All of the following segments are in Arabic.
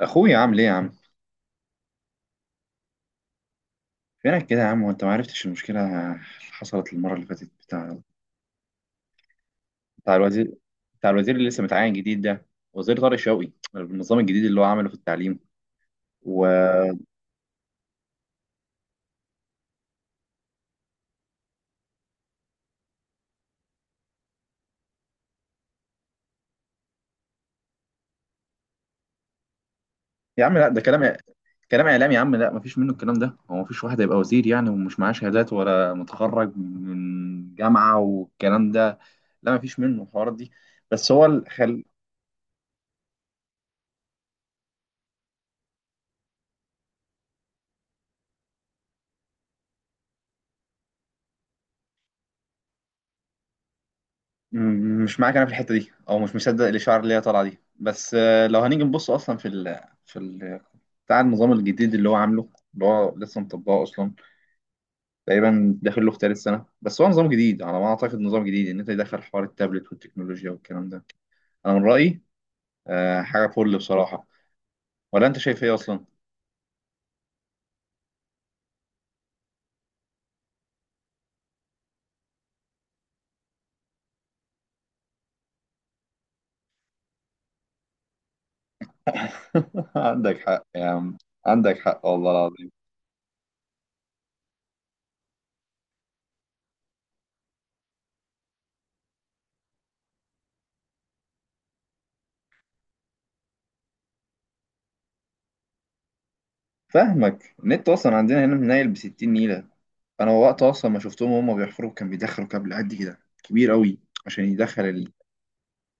اخويا عامل ايه يا عم؟ فينك كده يا عم وانت ما عرفتش المشكله اللي حصلت المره اللي فاتت بتاع الوزير، بتاع الوزير اللي لسه متعين جديد ده، وزير طارق شوقي، بالنظام الجديد اللي هو عمله في التعليم و يا عم، لا ده كلام اعلام يا عم. لا ما فيش منه الكلام ده. هو ما فيش واحد هيبقى وزير يعني ومش معاه شهادات ولا متخرج من جامعه والكلام ده. لا ما فيش منه الحوارات دي. بس هو مش معاك انا في الحته دي، او مش مصدق الاشاعه اللي هي طالعه دي، بس لو هنيجي نبص اصلا في ال بتاع النظام الجديد اللي هو عامله، اللي هو لسه مطبقه اصلا، تقريبا داخل له في ثالث سنه. بس هو نظام جديد على ما اعتقد، نظام جديد ان انت يدخل حوار التابلت والتكنولوجيا والكلام ده. انا من رايي حاجه فل بصراحه. ولا انت شايف ايه اصلا؟ عندك حق يا عم، عندك حق والله العظيم. فاهمك، النت اصلا عندنا هنا نايل ب 60 نيله. انا وقت اصلا ما شفتهم وهم بيحفروا كان بيدخلوا كابل قد كده كبير قوي عشان يدخل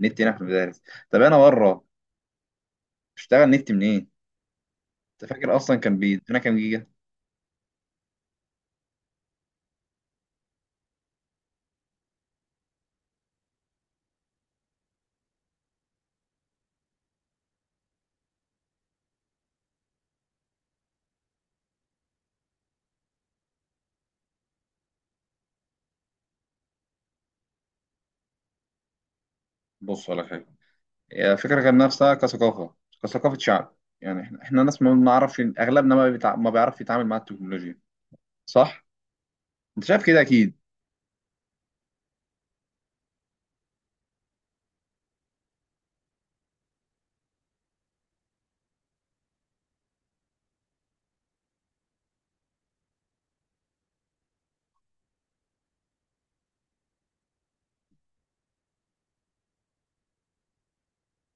النت هنا في المدارس. طب انا بره اشتغل نت منين؟ انت فاكر اصلا كان بيدينا كام جيجا؟ بص على حاجه، هي الفكره كان نفسها كثقافه، كثقافه شعب. يعني احنا ناس ما بنعرفش، اغلبنا ما بيعرف يتعامل مع التكنولوجيا. صح؟ انت شايف كده اكيد.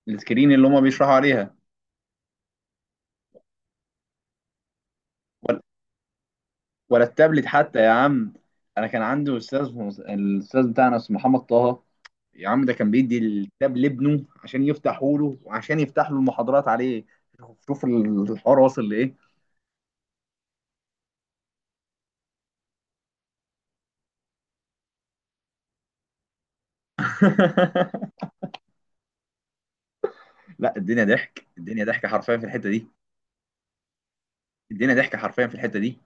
السكرين اللي هما بيشرحوا عليها، ولا التابلت حتى يا عم. انا كان عندي استاذ، الاستاذ بتاعنا اسمه محمد طه، يا عم ده كان بيدي الكتاب لابنه عشان يفتحوا له وعشان يفتح له المحاضرات عليه. شوف الحوار واصل لايه. لا الدنيا ضحك، الدنيا ضحك حرفيا في الحته دي. الدنيا ضحك حرفيا في الحته دي.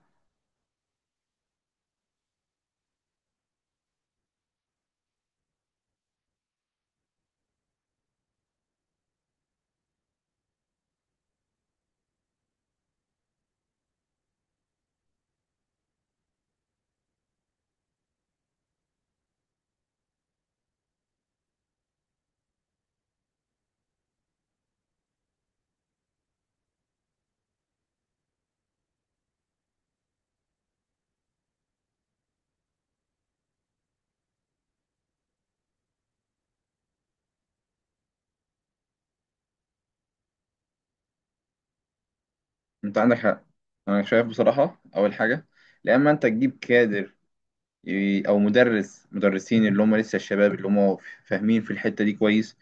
انت عندك حق. انا شايف بصراحه اول حاجه لما انت تجيب كادر، او مدرس، مدرسين اللي هم لسه الشباب، اللي هم فاهمين في الحته دي كويس،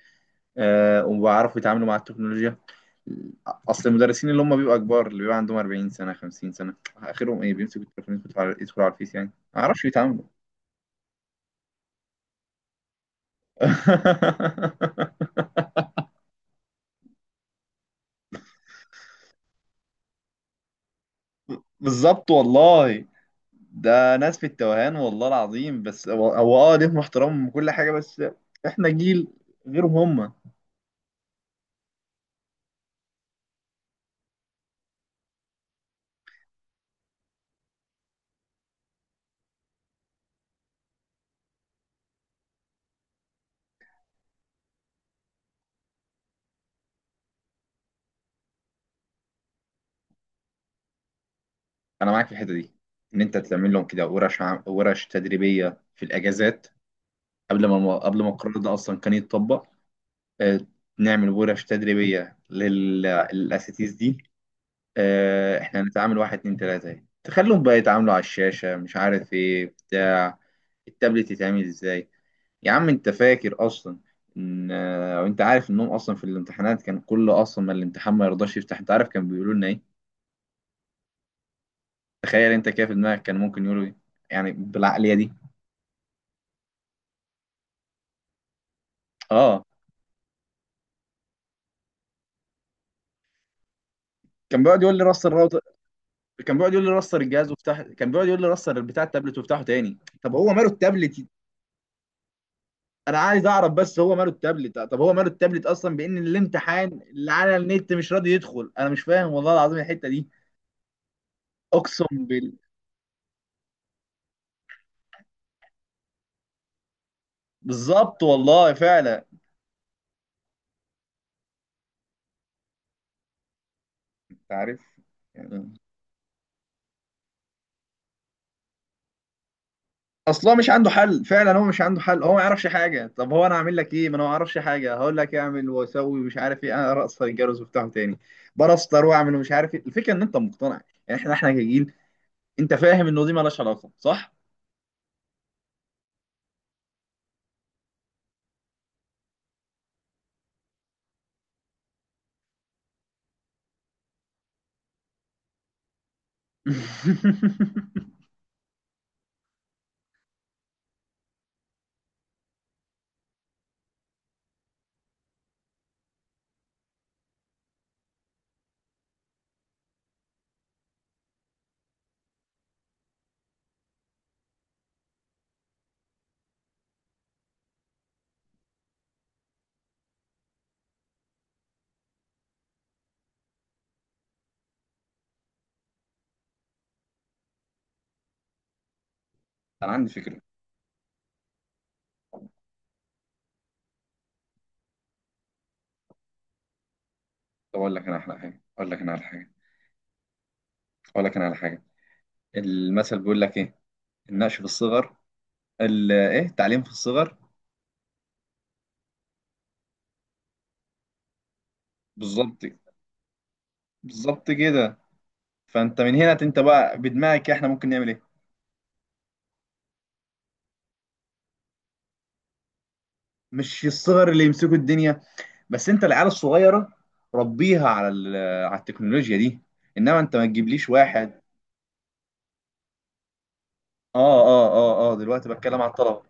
وبيعرفوا يتعاملوا مع التكنولوجيا. اصل المدرسين اللي هم بيبقوا كبار، اللي بيبقى عندهم 40 سنه 50 سنه، اخرهم ايه؟ بيمسكوا التليفون يدخلوا على يدخلوا على الفيس، يعني ما اعرفش يتعاملوا. بالظبط والله. ده ناس في التوهان والله العظيم. بس هو هو اه ليهم احترامهم وكل حاجه، بس احنا جيل غيرهم هم. انا معاك في الحته دي، ان انت تعمل لهم كده ورش تدريبيه في الاجازات، قبل ما القرار ده اصلا كان يتطبق. آه، نعمل ورش تدريبية للأساتيز دي. إحنا هنتعامل واحد اتنين تلاتة اهي. تخليهم بقى يتعاملوا على الشاشة، مش عارف إيه، بتاع التابلت يتعمل إزاي. يا عم أنت فاكر أصلا إن وأنت عارف إنهم أصلا في الامتحانات كان كل أصلا ما الامتحان ما يرضاش يفتح، أنت عارف كان بيقولوا لنا إيه؟ تخيل أنت كده في دماغك، كان ممكن يقولوا إيه يعني بالعقلية دي؟ آه، كان بيقعد يقول لي رستر الراوتر، كان بيقعد يقول لي رستر الجهاز وافتح، كان بيقعد يقول لي رستر بتاع التابلت وافتحه تاني. طب هو ماله التابلت؟ انا عايز اعرف، بس هو ماله التابلت؟ طب هو ماله التابلت اصلا بان الامتحان اللي على النت مش راضي يدخل؟ انا مش فاهم والله العظيم الحته دي. اقسم بال... بالظبط والله فعلا. انت عارف يعني، اصلا مش عنده حل. فعلا هو مش عنده حل، هو ما يعرفش حاجه. طب هو انا اعمل لك ايه؟ ما انا ما اعرفش حاجه، هقول لك اعمل واسوي مش عارف ايه، انا ارقص الجرس وافتحه تاني برستر واعمل ومش عارف ايه. الفكره ان انت مقتنع. يعني احنا كجيل، انت فاهم انه دي مالهاش علاقه، صح؟ انا عندي فكره. طب اقول لك انا احلى حاجه، اقول لك انا على حاجه. المثل بيقول لك ايه؟ النقش في الصغر. ال ايه؟ التعليم في الصغر. بالظبط. بالظبط كده. فانت من هنا، انت بقى بدماغك، احنا ممكن نعمل ايه؟ مش الصغر اللي يمسكوا الدنيا؟ بس انت العيال الصغيره ربيها على على التكنولوجيا دي. انما انت ما تجيبليش واحد. اه اه اه اه، دلوقتي بتكلم على الطلبه.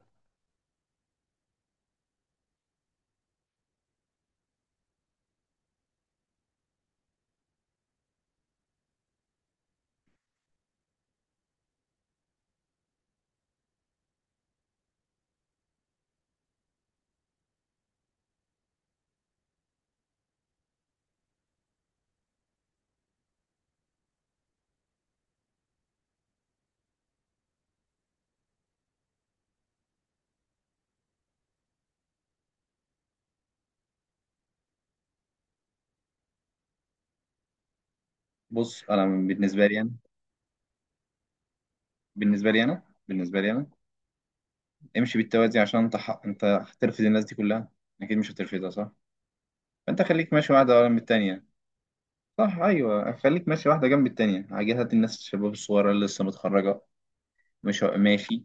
بص، انا بالنسبه لي انا، بالنسبه لي انا امشي بالتوازي، عشان انت انت هترفض الناس دي كلها؟ اكيد مش هترفضها، صح؟ فانت خليك ماشي واحده ورا من التانيه. صح، ايوه، خليك ماشي واحده جنب التانيه. عاجبها الناس الشباب الصغيره اللي لسه متخرجه، مش ماشي،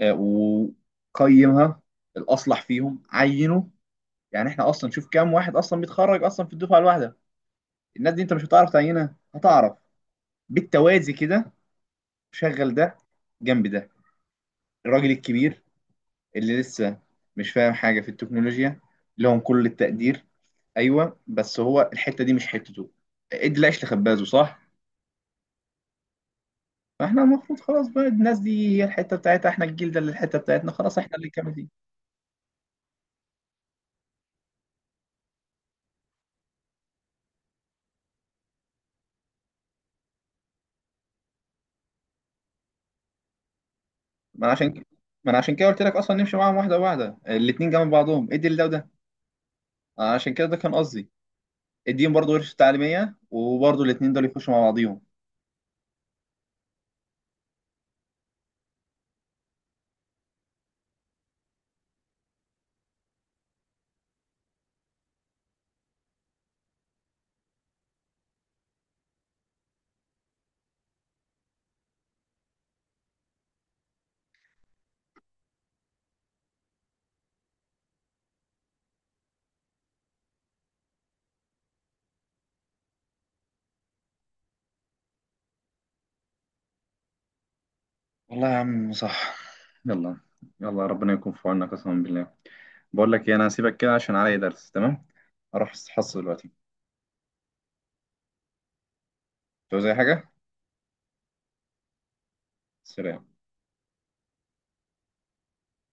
وقيمها، الاصلح فيهم عينه. يعني احنا اصلا شوف كام واحد اصلا بيتخرج اصلا في الدفعه الواحده؟ الناس دي انت مش هتعرف تعينها، هتعرف بالتوازي كده. شغل ده جنب ده. الراجل الكبير اللي لسه مش فاهم حاجه في التكنولوجيا، لهم كل التقدير، ايوه، بس هو الحته دي مش حتته. ادي العيش لخبازه، صح؟ فاحنا المفروض خلاص بقى الناس دي هي الحته بتاعتها، احنا الجيل ده اللي الحته بتاعتنا. خلاص احنا اللي نكمل دي. ما أنا عشان كده ما انا عشان كده قلت لك اصلا نمشي معاهم واحده واحده، الاتنين جنب بعضهم، ادي لده وده. أنا عشان كده ده كان قصدي. اديهم برضه ورشه تعليميه، وبرضه الاتنين دول يخشوا مع بعضيهم. والله يا عم صح. يلا، يلا ربنا يكون في عوننا قسما بالله. بقول لك ايه، انا هسيبك كده عشان عليا درس، تمام؟ اروح استحصى دلوقتي. تعوز اي حاجه؟ سلام.